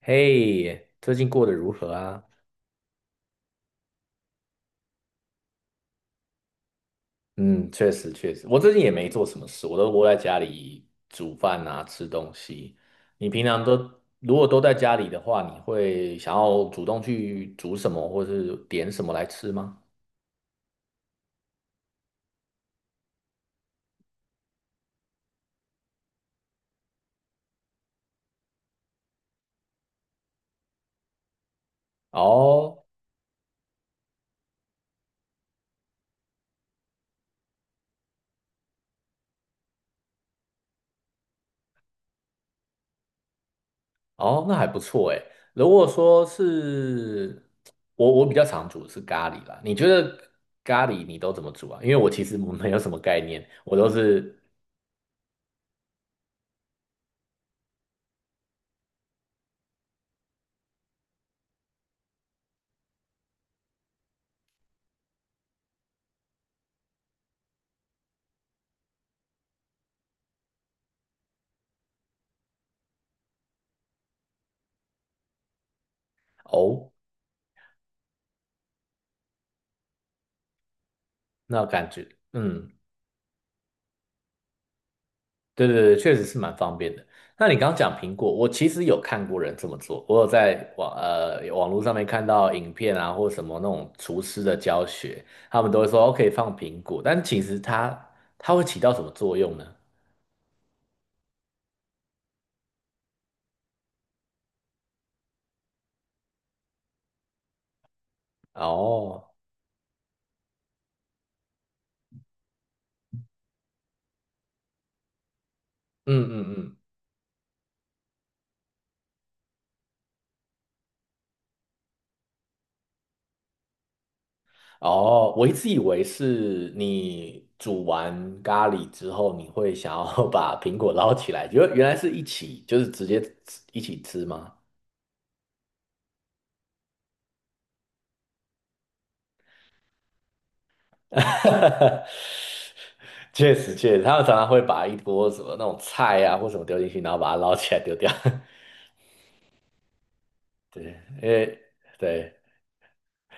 嘿，最近过得如何啊？嗯，确实确实，我最近也没做什么事，我都窝在家里煮饭啊，吃东西。你平常都如果都在家里的话，你会想要主动去煮什么，或是点什么来吃吗？哦哦，那还不错哎。如果说是我，我比较常煮的是咖喱啦。你觉得咖喱你都怎么煮啊？因为我其实没有什么概念，我都是。哦，那感觉。嗯。对对对，确实是蛮方便的。那你刚刚讲苹果，我其实有看过人这么做，我有在网络上面看到影片啊，或什么那种厨师的教学，他们都会说哦可以放苹果，但其实它会起到什么作用呢？哦，嗯嗯嗯。哦，我一直以为是你煮完咖喱之后，你会想要 把苹果捞起来，原来是一起，就是直接吃一起吃吗？确实，确实，他们常常会把一锅什么那种菜啊或什么丢进去，然后把它捞起来丢掉。对，因为对，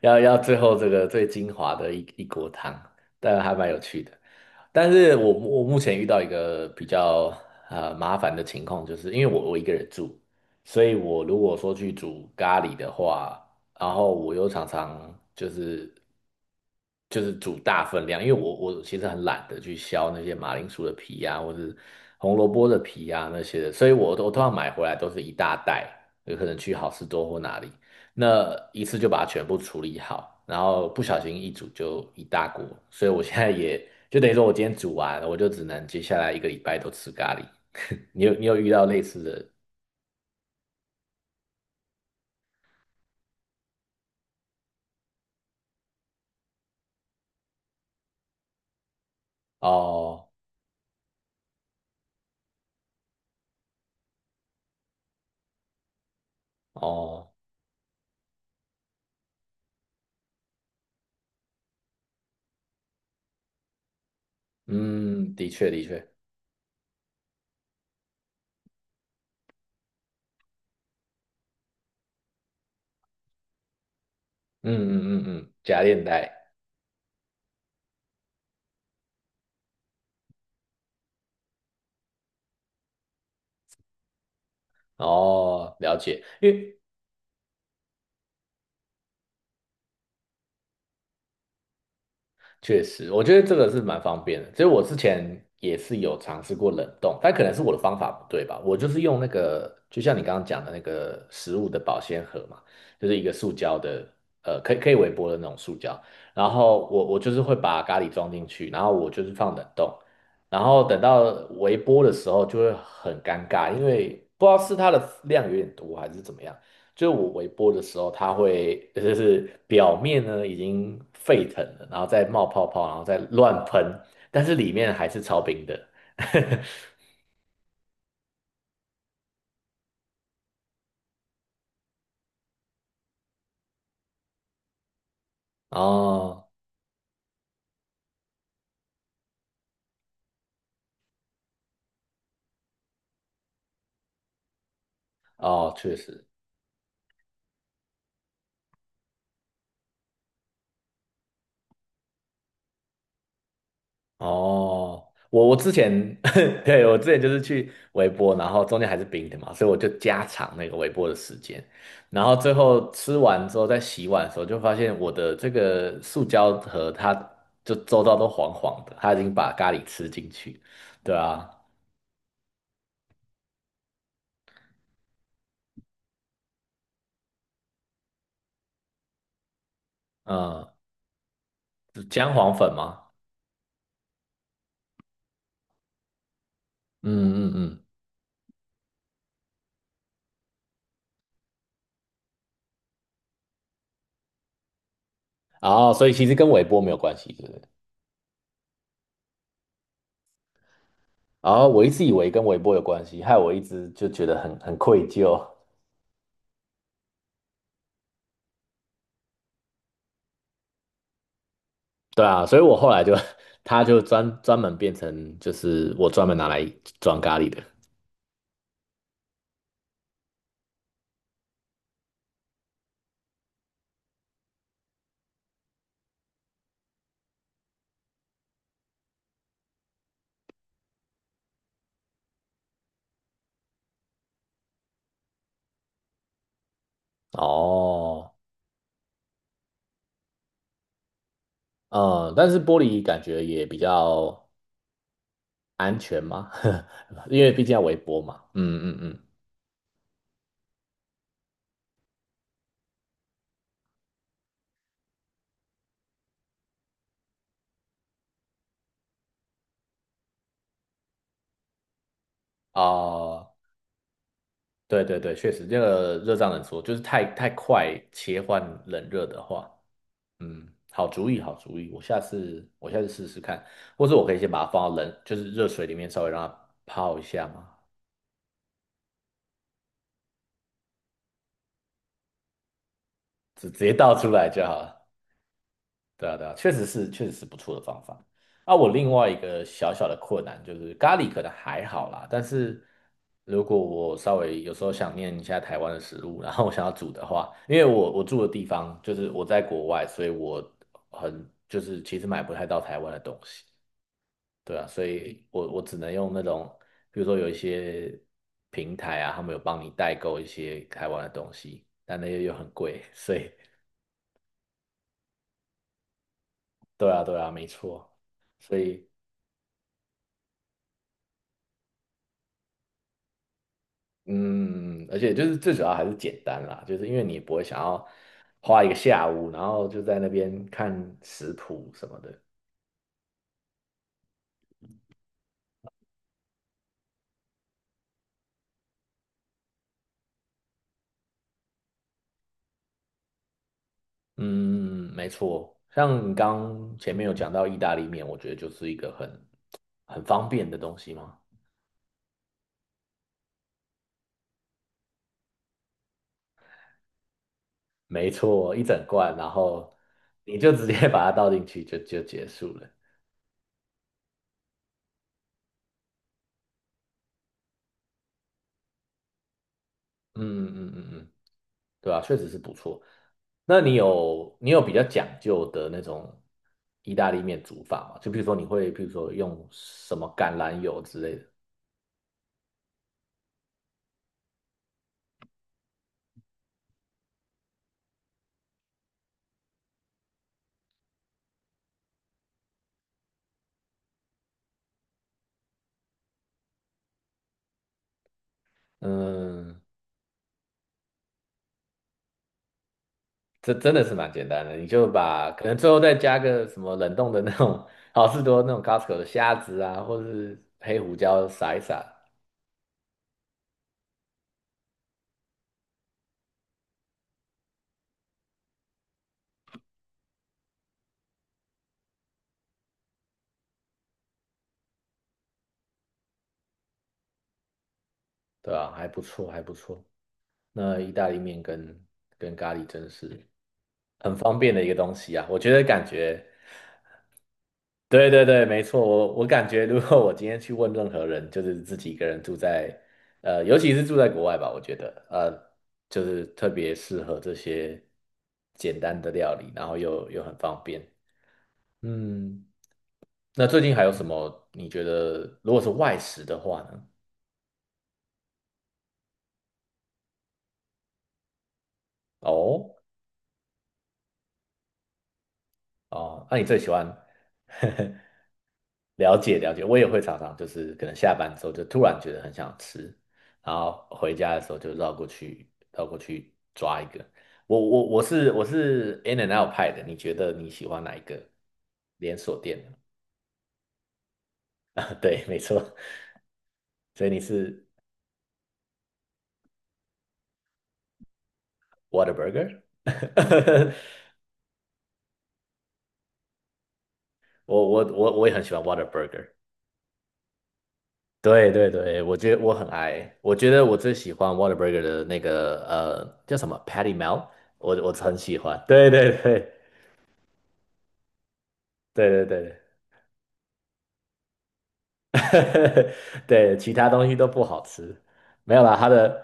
要最后这个最精华的一锅汤，但还蛮有趣的。但是我目前遇到一个比较麻烦的情况，就是因为我一个人住，所以我如果说去煮咖喱的话，然后我又常常就是煮大分量，因为我其实很懒得去削那些马铃薯的皮呀、或者红萝卜的皮呀、那些的，所以我通常买回来都是一大袋，有可能去好市多或哪里。那一次就把它全部处理好，然后不小心一煮就一大锅，所以我现在也就等于说我今天煮完，我就只能接下来一个礼拜都吃咖喱。你有遇到类似的？哦哦，嗯，的确的确，嗯嗯嗯嗯，加链带，哦，了解，因为确实，我觉得这个是蛮方便的。其实我之前也是有尝试过冷冻，但可能是我的方法不对吧。我就是用那个，就像你刚刚讲的那个食物的保鲜盒嘛，就是一个塑胶的，可以微波的那种塑胶。然后我就是会把咖喱装进去，然后我就是放冷冻，然后等到微波的时候就会很尴尬，因为不知道是它的量有点多还是怎么样。就是我微波的时候，它会就是表面呢已经沸腾了，然后再冒泡泡，然后再乱喷，但是里面还是超冰的。哦哦，确实。哦，我之前 对我之前就是去微波，然后中间还是冰的嘛，所以我就加长那个微波的时间，然后最后吃完之后在洗碗的时候，就发现我的这个塑胶盒它就周遭都黄黄的，它已经把咖喱吃进去，对啊。嗯，姜黄粉吗？嗯嗯嗯，哦，所以其实跟微波没有关系，对不对？哦，我一直以为跟微波有关系，害我一直就觉得很愧疚。对啊，所以我后来就，它就专门变成就是我专门拿来装咖喱的。哦，嗯，但是玻璃感觉也比较安全嘛，因为毕竟要微波嘛。嗯嗯嗯，哦，对对对，确实，这个热胀冷缩，就是太快切换冷热的话。嗯，好主意，好主意，我下次试试看，或者我可以先把它放到冷，就是热水里面稍微让它泡一下嘛，直接倒出来就好了。对啊，对啊，确实是不错的方法。啊，我另外一个小小的困难就是咖喱可能还好啦，但是如果我稍微有时候想念一下台湾的食物，然后我想要煮的话，因为我住的地方就是我在国外，所以我很就是其实买不太到台湾的东西。对啊，所以我只能用那种，比如说有一些平台啊，他们有帮你代购一些台湾的东西，但那些又很贵，所以对啊，对啊，没错，所以嗯，而且就是最主要还是简单啦，就是因为你也不会想要花一个下午，然后就在那边看食谱什么的。嗯，没错，像你刚前面有讲到意大利面，我觉得就是一个很方便的东西嘛。没错，一整罐，然后你就直接 把它倒进去就，就结束了。嗯嗯嗯嗯，对啊，确实是不错。那你有比较讲究的那种意大利面煮法吗？就比如说你会，比如说用什么橄榄油之类的。嗯，这真的是蛮简单的，你就把可能最后再加个什么冷冻的那种好事多那种 Costco 的虾子啊，或者是黑胡椒撒一撒，对啊，还不错，还不错。那意大利面跟咖喱真是很方便的一个东西啊！我觉得感觉，对对对，没错。我感觉，如果我今天去问任何人，就是自己一个人住在，呃，尤其是住在国外吧，我觉得，呃，就是特别适合这些简单的料理，然后又很方便。嗯，那最近还有什么？你觉得如果是外食的话呢？哦哦，那你最喜欢？了解了解，我也会常常就是可能下班之后就突然觉得很想吃，然后回家的时候就绕过去抓一个。我是 In and Out 派的，你觉得你喜欢哪一个连锁店呢？ 啊，对，没错，所以你是 w h a t e r b u r g e r。 我也很喜欢 w h a t e r b u r g e r。 对对对，我觉得我很爱，我觉得我最喜欢 w h a t e r b u r g e r 的那个叫什么 Patty Melt，我很喜欢。对对对对对对。对，其他东西都不好吃，没有啦，它的。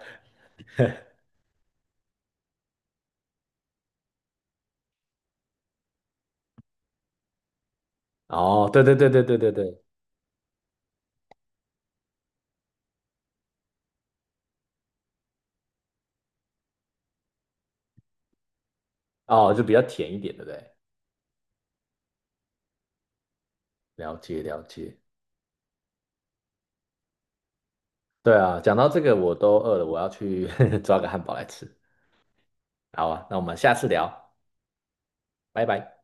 哦，对对对对对对对。哦，就比较甜一点，对不对？了解了解，对啊，讲到这个我都饿了，我要去 抓个汉堡来吃。好啊，那我们下次聊，拜拜。